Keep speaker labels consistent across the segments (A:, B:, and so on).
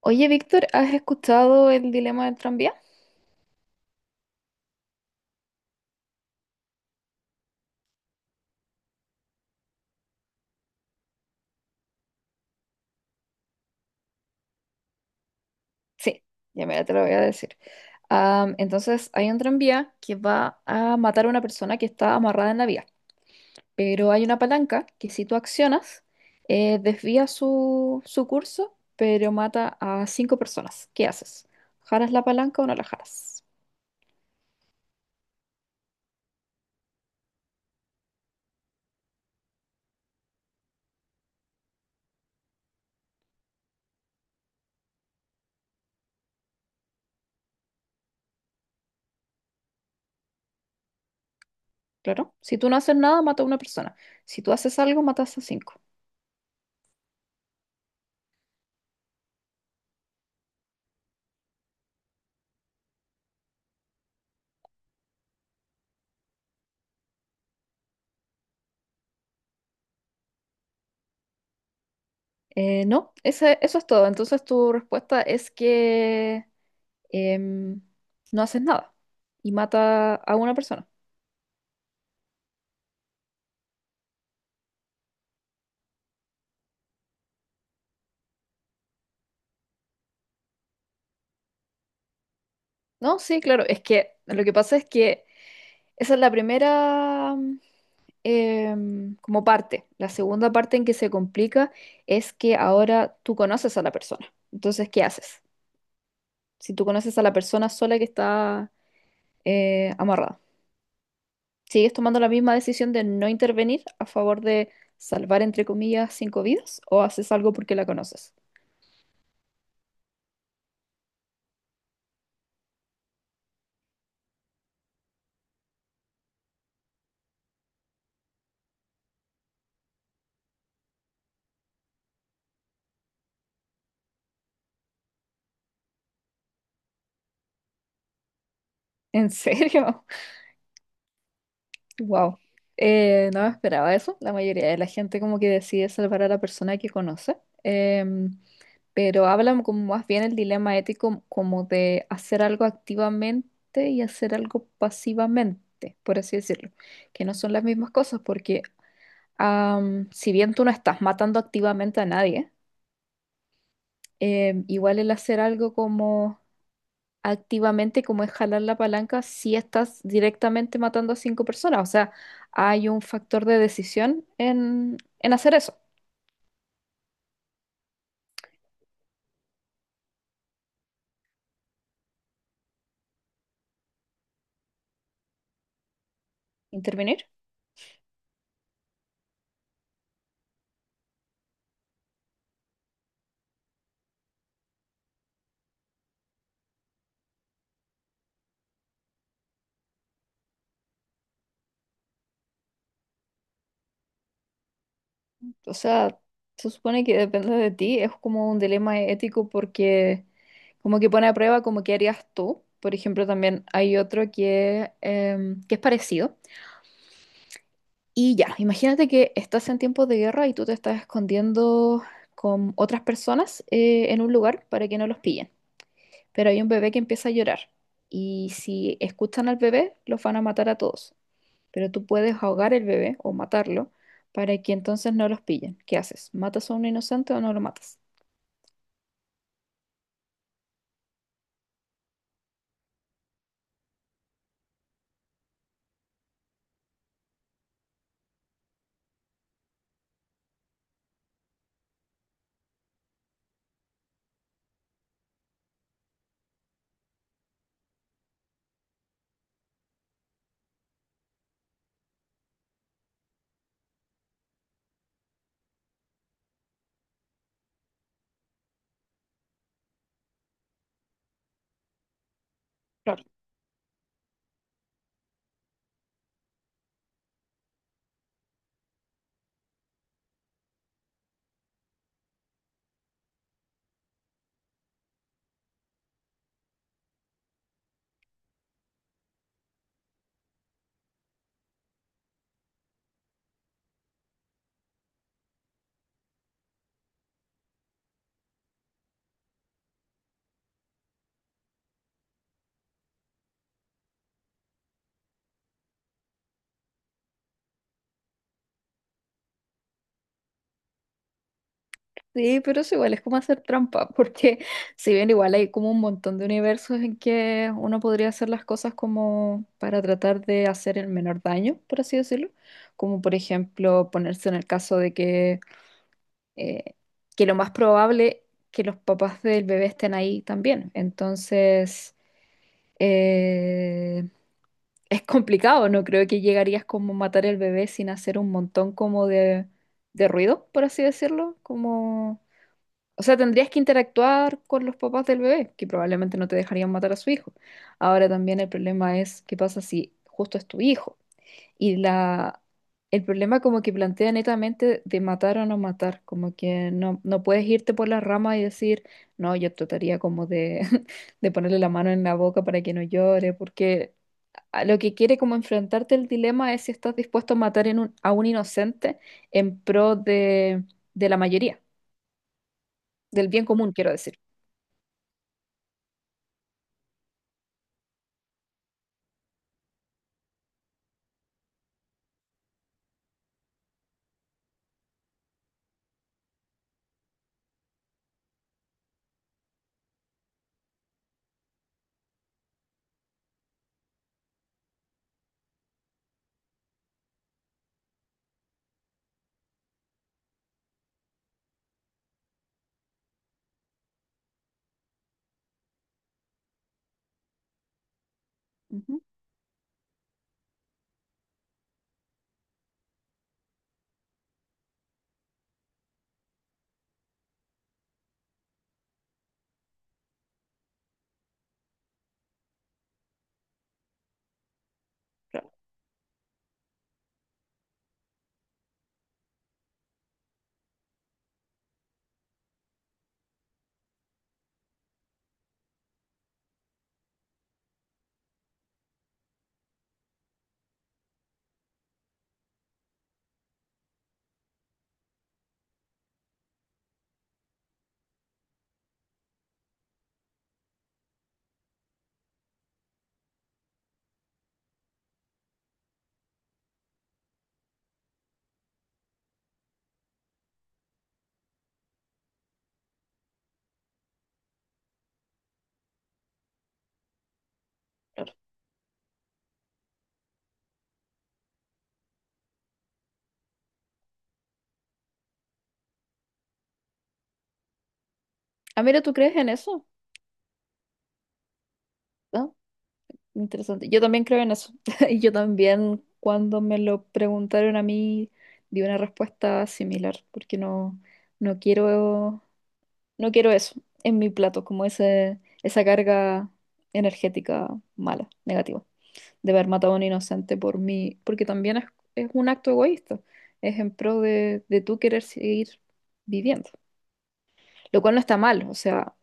A: Oye, Víctor, ¿has escuchado el dilema del tranvía? Sí, ya mira, te lo voy a decir. Entonces, hay un tranvía que va a matar a una persona que está amarrada en la vía, pero hay una palanca que si tú accionas, desvía su curso, pero mata a cinco personas. ¿Qué haces? ¿Jaras la palanca o no la jaras? Claro, si tú no haces nada, mata a una persona. Si tú haces algo, matas a cinco. No, ese- Eso es todo. Entonces, tu respuesta es que em, no haces nada y mata a una persona. No, sí, claro, es que lo que pasa es que esa es la primera como parte. La segunda parte en que se complica es que ahora tú conoces a la persona. Entonces, ¿qué haces? Si tú conoces a la persona sola que está amarrada, ¿sigues tomando la misma decisión de no intervenir a favor de salvar, entre comillas, cinco vidas o haces algo porque la conoces? ¿En serio? Wow. No me esperaba eso. La mayoría de la gente como que decide salvar a la persona que conoce. Em, pero hablan como más bien el dilema ético como de hacer algo activamente y hacer algo pasivamente, por así decirlo. Que no son las mismas cosas porque, si bien tú no estás matando activamente a nadie, igual el hacer algo como activamente como es jalar la palanca si estás directamente matando a cinco personas. O sea, hay un factor de decisión en hacer eso, intervenir. O sea, se supone que depende de ti, es como un dilema ético porque como que pone a prueba como qué harías tú. Por ejemplo, también hay otro que, que es parecido. Y ya, imagínate que estás en tiempos de guerra y tú te estás escondiendo con otras personas en un lugar para que no los pillen. Pero hay un bebé que empieza a llorar y si escuchan al bebé, los van a matar a todos, pero tú puedes ahogar el bebé o matarlo para que entonces no los pillen. ¿Qué haces? ¿Matas a un inocente o no lo matas? Claro. Sí, pero es igual, es como hacer trampa, porque si bien igual hay como un montón de universos en que uno podría hacer las cosas como para tratar de hacer el menor daño, por así decirlo, como por ejemplo ponerse en el caso de eh, que lo más probable que los papás del bebé estén ahí también. Entonces, eh, es complicado, no creo que llegarías como a matar el bebé sin hacer un montón como de ruido, por así decirlo, como... O sea, tendrías que interactuar con los papás del bebé, que probablemente no te dejarían matar a su hijo. Ahora también el problema es qué pasa si justo es tu hijo. Y el problema como que plantea netamente de matar o no matar, como que no, no puedes irte por las ramas y decir, no, yo trataría como de, de ponerle la mano en la boca para que no llore, porque a lo que quiere como enfrentarte el dilema es si estás dispuesto a matar en un- a un inocente en pro de la mayoría, del bien común, quiero decir. Ujú. Claro. Amira, ¿tú crees en eso? ¿No? Interesante. Yo también creo en eso. Y yo también, cuando me lo preguntaron a mí, di una respuesta similar, porque no, no quiero, no quiero eso en mi plato, como ese, esa carga energética mala, negativa, de haber matado a un inocente por mí, porque también es un acto egoísta, es en pro de tú querer seguir viviendo, lo cual no está mal, o sea,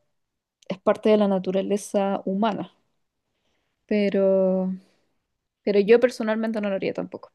A: es parte de la naturaleza humana, pero, pero yo personalmente no lo haría tampoco.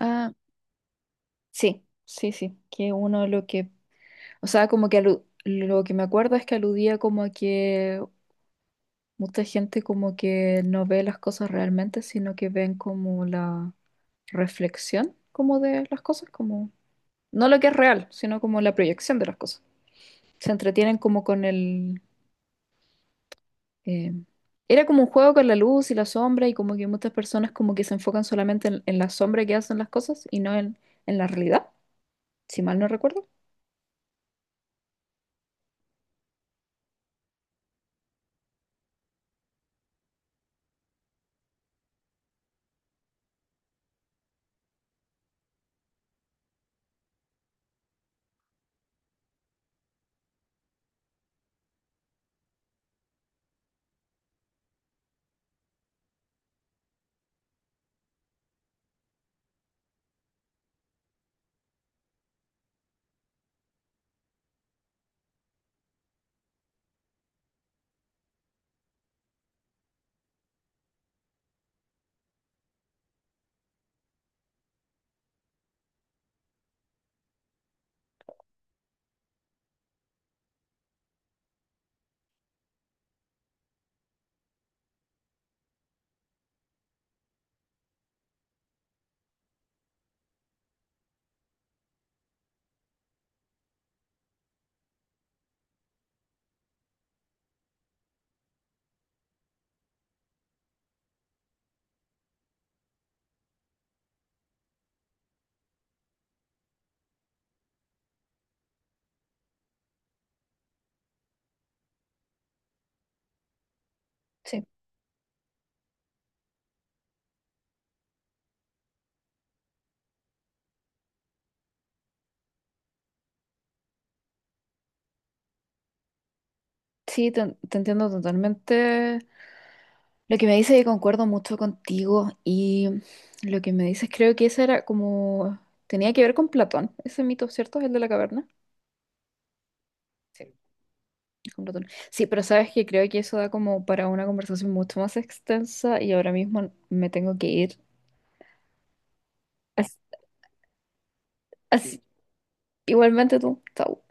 A: Ah, sí, sí, sí, que uno lo que, o sea, como que alu- lo que me acuerdo es que aludía como a que mucha gente como que no ve las cosas realmente, sino que ven como la reflexión como de las cosas, como no lo que es real, sino como la proyección de las cosas. Se entretienen como con el... eh, era como un juego con la luz y la sombra y como que muchas personas como que se enfocan solamente en la sombra que hacen las cosas y no en la realidad, si mal no recuerdo. Sí. Sí, te entiendo totalmente. Lo que me dices y concuerdo mucho contigo y lo que me dices creo que ese era como... Tenía que ver con Platón, ese mito, ¿cierto? El de la caverna. Sí. Con Platón. Sí, pero sabes que creo que eso da como para una conversación mucho más extensa y ahora mismo me tengo que ir. Así, sí. Así- igualmente tú, chao.